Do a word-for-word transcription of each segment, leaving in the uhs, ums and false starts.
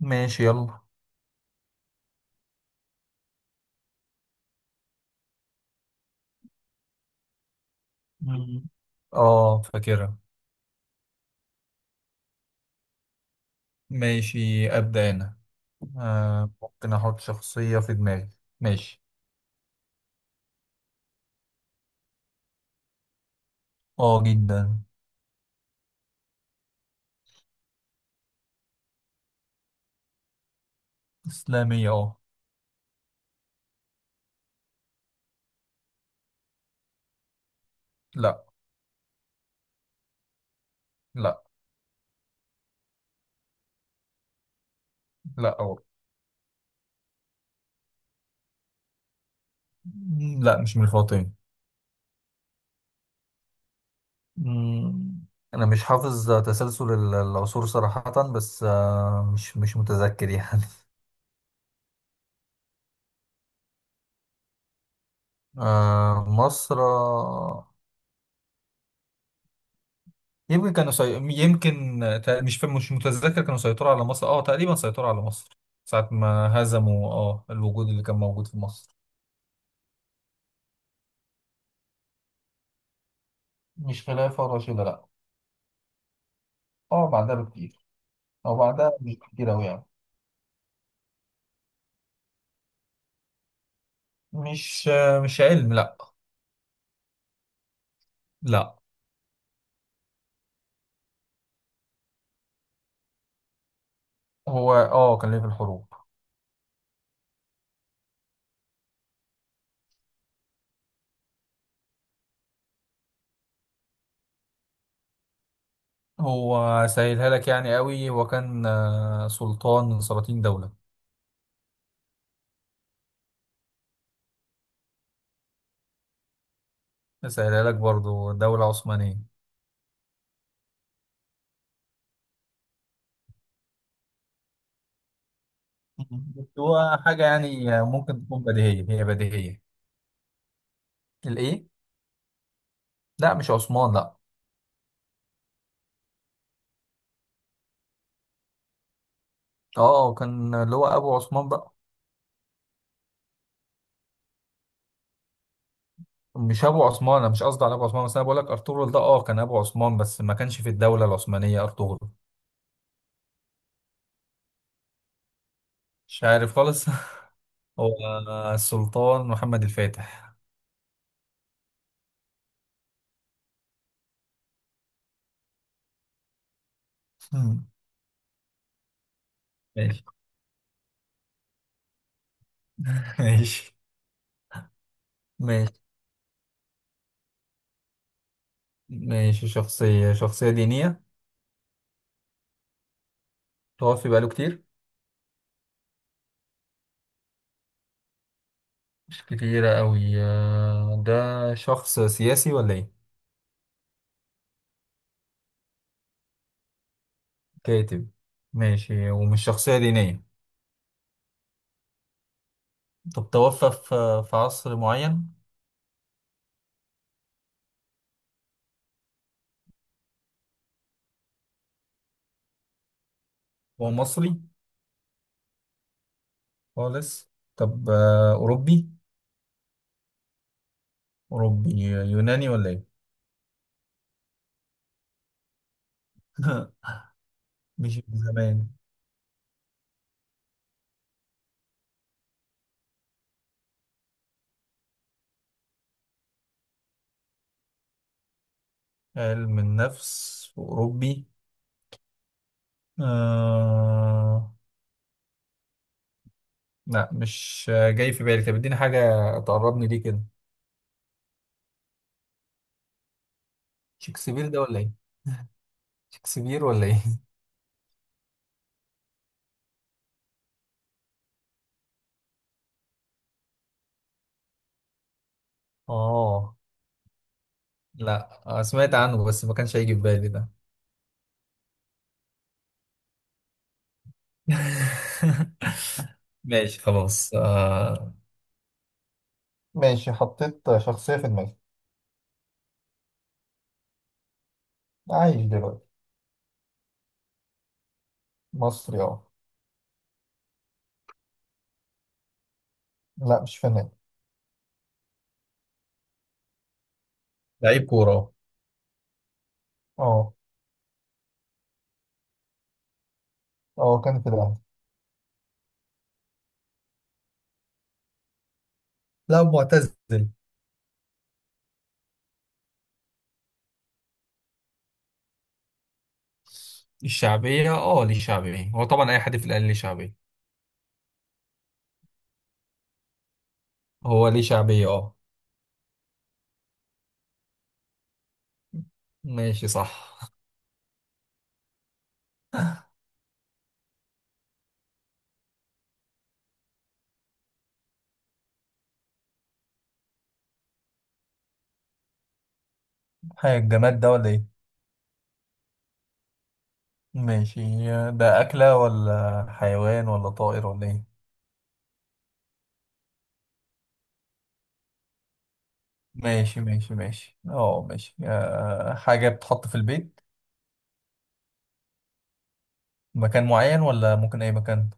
ماشي، يلا. مم. اه، فاكرها. ماشي، أبدأ أنا. آه ممكن أحط شخصية في دماغي. ماشي. اه، جدا. إسلامية، اه. لا. لا. لا أو. مم، لا، مش من الفاطمي. مم، أنا مش حافظ تسلسل ال- العصور صراحة، بس آه مش مش متذكر يعني. آه، مصر. يمكن كانوا سي... يمكن تا- مش فاهم، مش متذكر، كانوا سيطروا على مصر، اه تقريبا سيطروا على مصر. ساعة ما هزموا اه الوجود اللي كان موجود في مصر. مش خلافة راشدة، لا. اه، بعدها بكتير. او بعدها مش كتير اوي يعني. مش مش علم، لا. لا. هو اه كان ليه في الحروب. هو سهلها لك يعني قوي. هو كان آه، سلطان من سلاطين دولة. سهلها لك برضو، دولة عثمانية. بس هو حاجة يعني ممكن تكون بديهية، هي بديهية. الإيه؟ لا، مش عثمان، لا. اه، وكان اللي هو ابو عثمان بقى. مش ابو عثمان، انا مش قصدي على ابو عثمان، بس انا بقول لك ارطغرل ده اه كان ابو عثمان، بس ما كانش في الدوله العثمانيه ارطغرل. مش عارف خالص. هو السلطان محمد الفاتح. مم. ماشي. ماشي، ماشي، ماشي. شخصيه، شخصيه دينيه؟ توفي بقاله كتير. مش كتيرة أوي. آه، ده شخص سياسي ولا إيه؟ كاتب. ماشي، ومش شخصية دينية. طب توفى في في عصر معين؟ هو مصري؟ خالص. طب آه، أوروبي؟ أوروبي يوناني ولا إيه؟ مش من زمان. علم النفس أوروبي. آه... لا، مش آه، جاي في بالي. طب اديني حاجة تقربني ليه كده. شكسبير ده ولا إيه؟ شكسبير ولا إيه؟ آه، لا. آه، سمعت عنه بس ما كانش هيجي في بالي ده. ماشي، خلاص. آه... ماشي، حطيت شخصية في دماغي. عايش دلوقتي. مصري، اه. لا، مش فنان. لعيب كورة. اه. اه، كان في الاهلي. لا، معتزل. الشعبية، اه ليه شعبية، هو طبعا أي حد في الأهلي ليه شعبية. هو ليه شعبية، اه. ماشي، صح. حاجة، الجماد ده ولا ايه؟ ماشي. ده أكلة ولا حيوان ولا طائر ولا ايه؟ ماشي، ماشي، ماشي، اه، ماشي. آه، حاجة بتتحط في البيت؟ مكان معين ولا ممكن أي مكان؟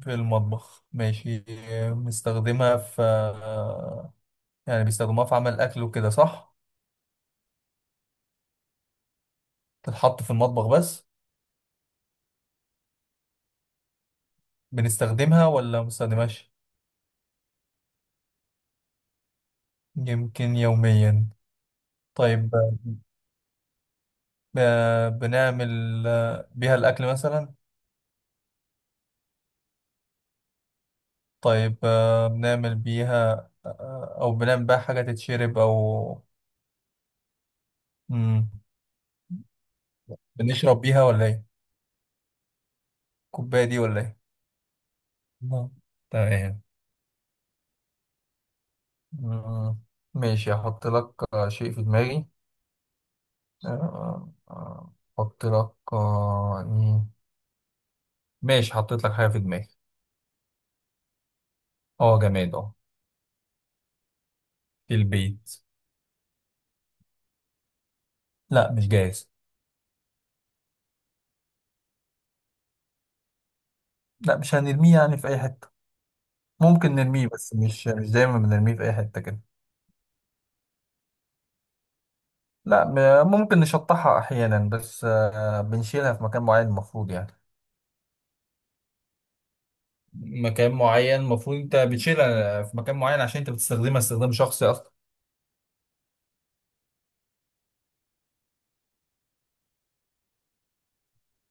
في المطبخ؟ ماشي. آه، بنستخدمها في آه، يعني بيستخدموها في عمل الأكل وكده، صح؟ تتحط في المطبخ بس؟ بنستخدمها ولا ما بنستخدمهاش؟ يمكن يوميا؟ طيب. آه، بنعمل آه، بيها الأكل مثلا؟ طيب. آه، بنعمل بيها، آه، أو بنعمل بيها حاجة تتشرب، أو؟ مم. بنشرب بيها ولا إيه؟ الكوباية دي ولا إيه؟ نعم. تمام. مم. ماشي، هحط لك آه، شيء في دماغي. آه، آه، أحط لك آه، إيه؟ ماشي، حطيت لك حاجة في دماغي. أه، جماد، أه. في البيت. لا، مش جاهز. لا، مش هنرميه يعني في اي حته. ممكن نرميه، بس مش مش دايما بنرميه في اي حته كده. لا. م- ممكن نشطحها احيانا، بس آه، بنشيلها في مكان معين المفروض يعني. مكان معين، المفروض انت بتشيلها في مكان معين عشان انت بتستخدمها استخدام شخصي اصلا.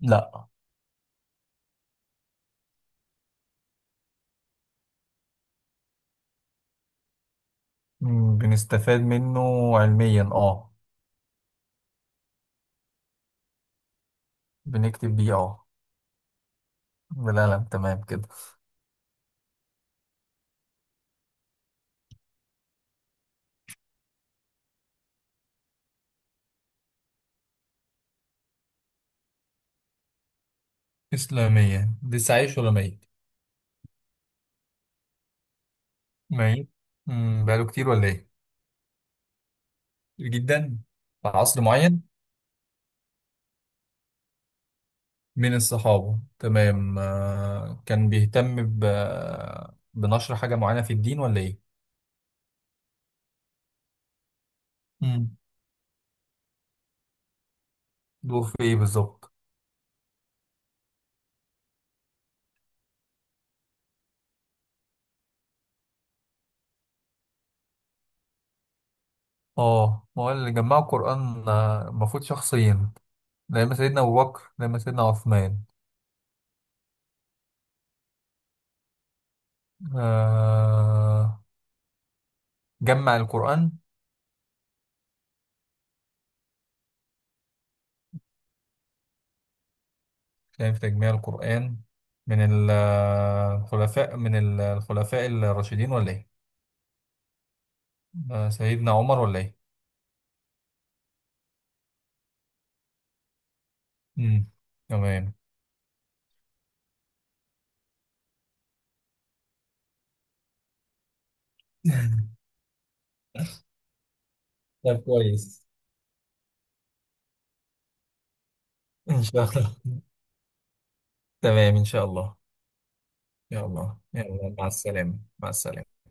لا. مم، بنستفاد منه علميا، اه. بنكتب بيه، اه. بالقلم، تمام كده. اسلاميا. لسه عايش ولا ميت؟ ميت. مم، بقاله كتير ولا ايه؟ كتير جدا. في عصر معين. من الصحابة، تمام. آه، كان بيهتم ب... بنشر حاجة معينة في الدين ولا إيه؟ امم دوره في إيه بالظبط؟ آه ما هو اللي جمعوا القرآن، آه، المفروض شخصين. لما سيدنا أبو بكر، لما سيدنا عثمان. آه... جمع القرآن. كان في تجميع القرآن. من ال- آه، الخلفاء، من ال- الخلفاء الراشدين ولا إيه؟ آه، سيدنا عمر ولا إيه؟ مم، تمام. طيب، كويس. ان شاء الله. تمام، ان شاء الله. يلا، يلا، مع السلامة، مع السلامة.